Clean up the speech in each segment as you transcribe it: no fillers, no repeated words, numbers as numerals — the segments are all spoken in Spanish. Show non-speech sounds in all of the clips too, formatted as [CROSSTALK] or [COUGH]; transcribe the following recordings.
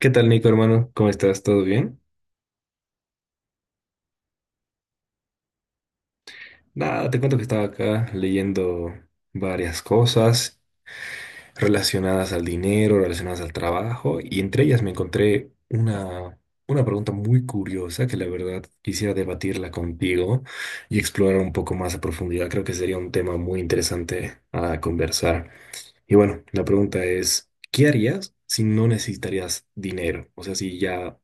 ¿Qué tal, Nico, hermano? ¿Cómo estás? ¿Todo bien? Nada, te cuento que estaba acá leyendo varias cosas relacionadas al dinero, relacionadas al trabajo, y entre ellas me encontré una pregunta muy curiosa que la verdad quisiera debatirla contigo y explorar un poco más a profundidad. Creo que sería un tema muy interesante a conversar. Y bueno, la pregunta es, ¿qué harías si no necesitarías dinero? O sea, si ya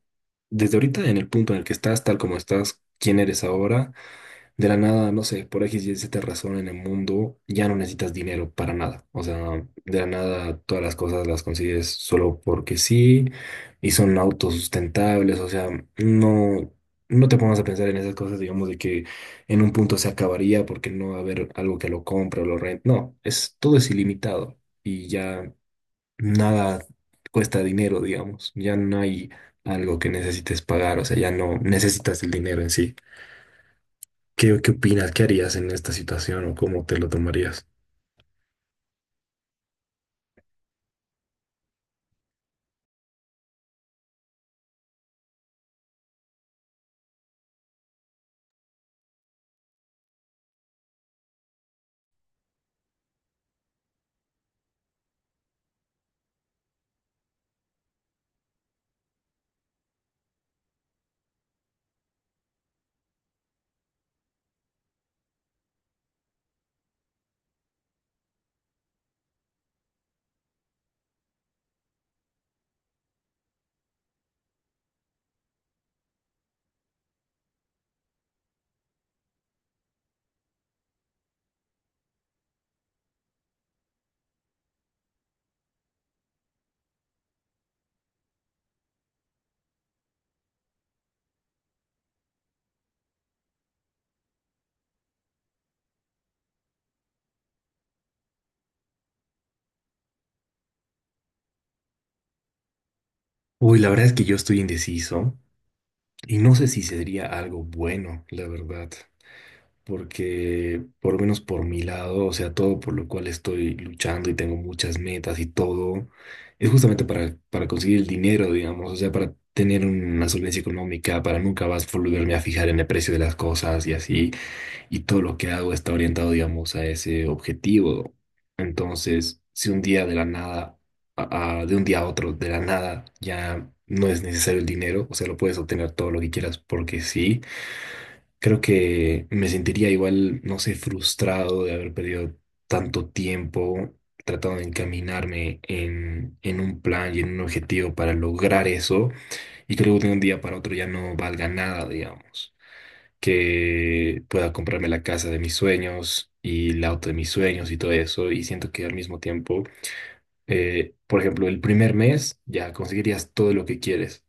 desde ahorita en el punto en el que estás, tal como estás, ¿quién eres ahora? De la nada, no sé, por X y Z razón en el mundo, ya no necesitas dinero para nada. O sea, de la nada todas las cosas las consigues solo porque sí y son autosustentables. O sea, no, no te pongas a pensar en esas cosas, digamos, de que en un punto se acabaría porque no va a haber algo que lo compre o lo rente. No, es, todo es ilimitado y ya nada cuesta dinero, digamos. Ya no hay algo que necesites pagar. O sea, ya no necesitas el dinero en sí. ¿Qué, qué opinas? ¿Qué harías en esta situación o cómo te lo tomarías? Uy, la verdad es que yo estoy indeciso y no sé si sería algo bueno, la verdad, porque por lo menos por mi lado, o sea, todo por lo cual estoy luchando y tengo muchas metas y todo, es justamente para conseguir el dinero, digamos, o sea, para tener una solvencia económica, para nunca más volverme a fijar en el precio de las cosas y así. Y todo lo que hago está orientado, digamos, a ese objetivo. Entonces, si un día de la nada, de un día a otro, de la nada, ya no es necesario el dinero, o sea, lo puedes obtener todo lo que quieras porque sí, creo que me sentiría igual, no sé, frustrado de haber perdido tanto tiempo tratando de encaminarme en un plan y en un objetivo para lograr eso, y creo que de un día para otro ya no valga nada, digamos que pueda comprarme la casa de mis sueños y el auto de mis sueños y todo eso. Y siento que al mismo tiempo, por ejemplo, el primer mes ya conseguirías todo lo que quieres.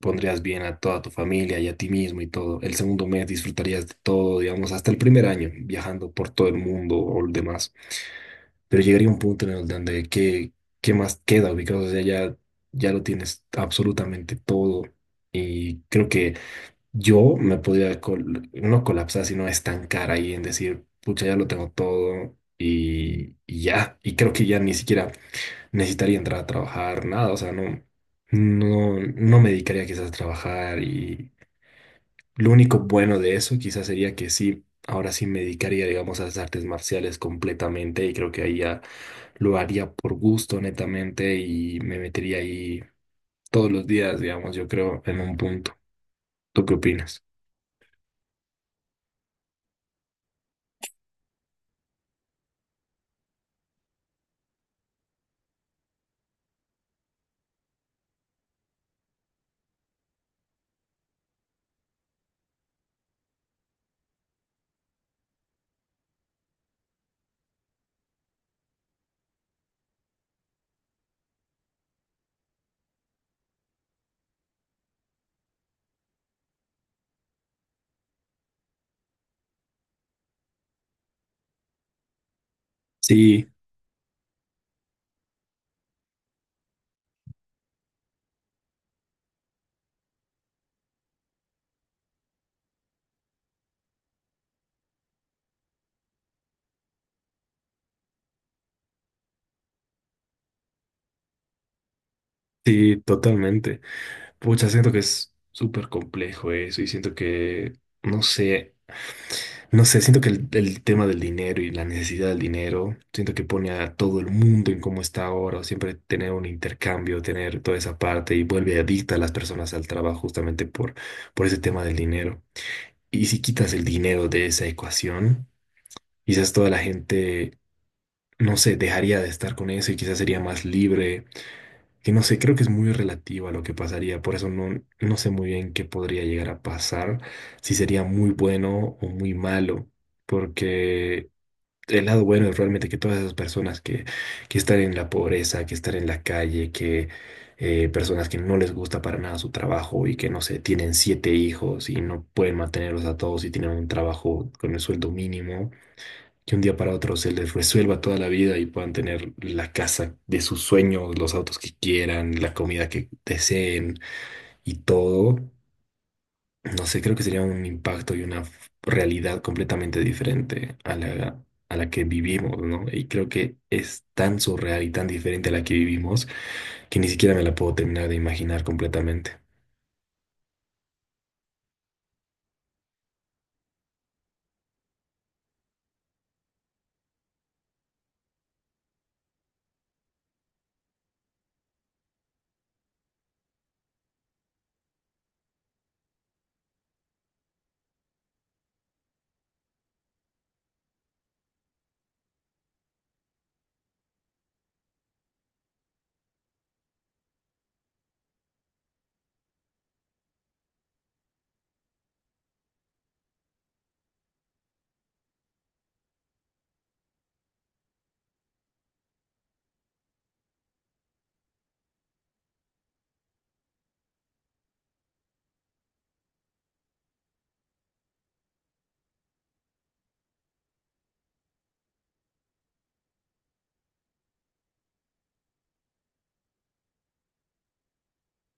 Pondrías bien a toda tu familia y a ti mismo y todo. El segundo mes disfrutarías de todo, digamos, hasta el primer año, viajando por todo el mundo o el demás. Pero llegaría un punto en el donde qué, qué más queda ubicado. O sea, ya, ya lo tienes absolutamente todo. Y creo que yo me podía no colapsar, sino estancar ahí en decir, pucha, ya lo tengo todo y ya. Y creo que ya ni siquiera necesitaría entrar a trabajar, nada. O sea, no, no me dedicaría quizás a trabajar. Y lo único bueno de eso quizás sería que sí, ahora sí me dedicaría, digamos, a las artes marciales completamente. Y creo que ahí ya lo haría por gusto, netamente, y me metería ahí todos los días, digamos, yo creo, en un punto. ¿Tú qué opinas? Sí. Sí, totalmente. Pucha, siento que es súper complejo eso y siento que, no sé, no sé, siento que el tema del dinero y la necesidad del dinero, siento que pone a todo el mundo en cómo está ahora, o siempre tener un intercambio, tener toda esa parte y vuelve adicta a las personas al trabajo justamente por ese tema del dinero. Y si quitas el dinero de esa ecuación, quizás toda la gente, no sé, dejaría de estar con eso y quizás sería más libre que no sé, creo que es muy relativo a lo que pasaría, por eso no, no sé muy bien qué podría llegar a pasar, si sería muy bueno o muy malo, porque el lado bueno es realmente que todas esas personas que están en la pobreza, que están en la calle, que personas que no les gusta para nada su trabajo y que no sé, tienen 7 hijos y no pueden mantenerlos a todos y tienen un trabajo con el sueldo mínimo que un día para otro se les resuelva toda la vida y puedan tener la casa de sus sueños, los autos que quieran, la comida que deseen y todo. No sé, creo que sería un impacto y una realidad completamente diferente a la que vivimos, ¿no? Y creo que es tan surreal y tan diferente a la que vivimos que ni siquiera me la puedo terminar de imaginar completamente.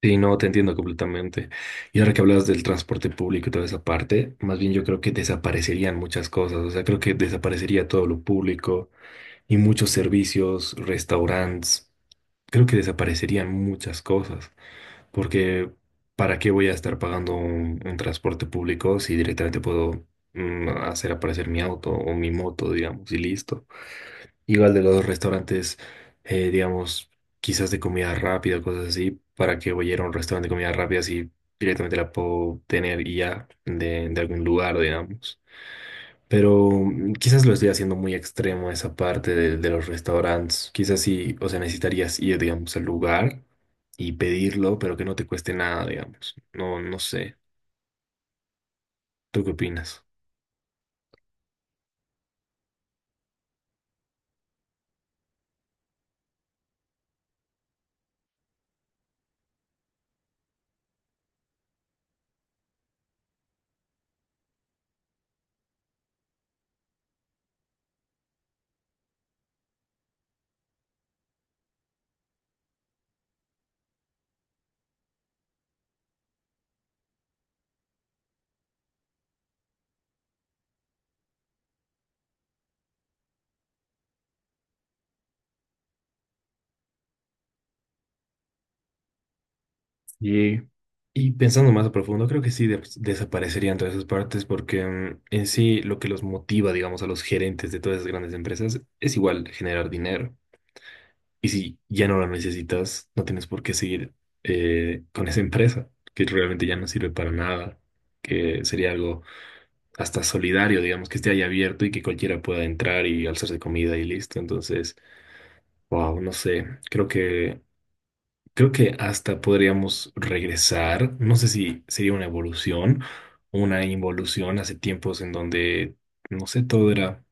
Sí, no, te entiendo completamente. Y ahora que hablas del transporte público y toda esa parte, más bien yo creo que desaparecerían muchas cosas. O sea, creo que desaparecería todo lo público y muchos servicios, restaurantes. Creo que desaparecerían muchas cosas. Porque, ¿para qué voy a estar pagando un transporte público si directamente puedo hacer aparecer mi auto o mi moto, digamos, y listo? Igual de los restaurantes, digamos, quizás de comida rápida, cosas así, para que voy a ir a un restaurante de comida rápida, si directamente la puedo tener y ya de algún lugar, digamos. Pero quizás lo estoy haciendo muy extremo esa parte de los restaurantes. Quizás sí, o sea, necesitarías ir, digamos, al lugar y pedirlo, pero que no te cueste nada, digamos. No, no sé. ¿Tú qué opinas? Y, y pensando más a profundo, creo que sí desaparecerían todas esas partes porque en sí lo que los motiva, digamos, a los gerentes de todas esas grandes empresas es igual generar dinero. Y si ya no lo necesitas, no tienes por qué seguir con esa empresa, que realmente ya no sirve para nada, que sería algo hasta solidario, digamos, que esté ahí abierto y que cualquiera pueda entrar y alzarse comida y listo. Entonces, wow, no sé, creo que... Creo que hasta podríamos regresar, no sé si sería una evolución, una involución hace tiempos en donde, no sé, todo era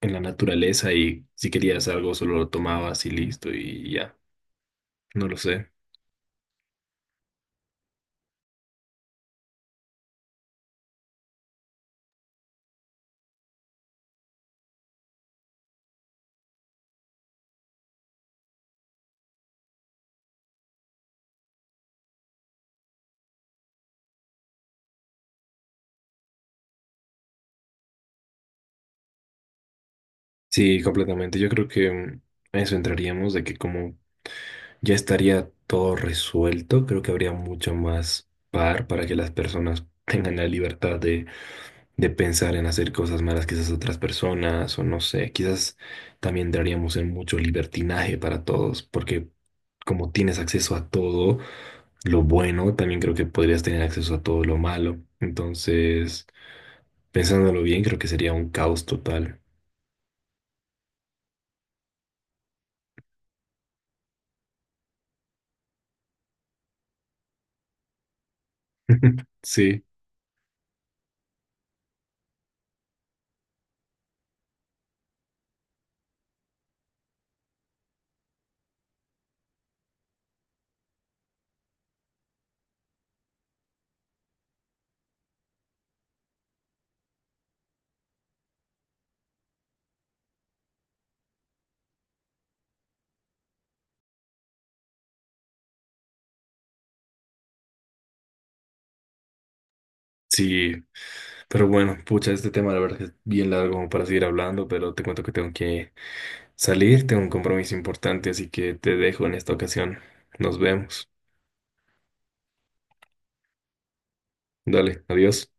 en la naturaleza y si querías algo solo lo tomabas y listo y ya, no lo sé. Sí, completamente. Yo creo que a eso entraríamos de que como ya estaría todo resuelto, creo que habría mucho más par para que las personas [LAUGHS] tengan la libertad de pensar en hacer cosas malas quizás a otras personas o no sé, quizás también entraríamos en mucho libertinaje para todos, porque como tienes acceso a todo lo bueno, también creo que podrías tener acceso a todo lo malo. Entonces, pensándolo bien, creo que sería un caos total. [LAUGHS] Sí. Sí, pero bueno, pucha, este tema la verdad que es bien largo como para seguir hablando, pero te cuento que tengo que salir, tengo un compromiso importante, así que te dejo en esta ocasión. Nos vemos. Dale, adiós.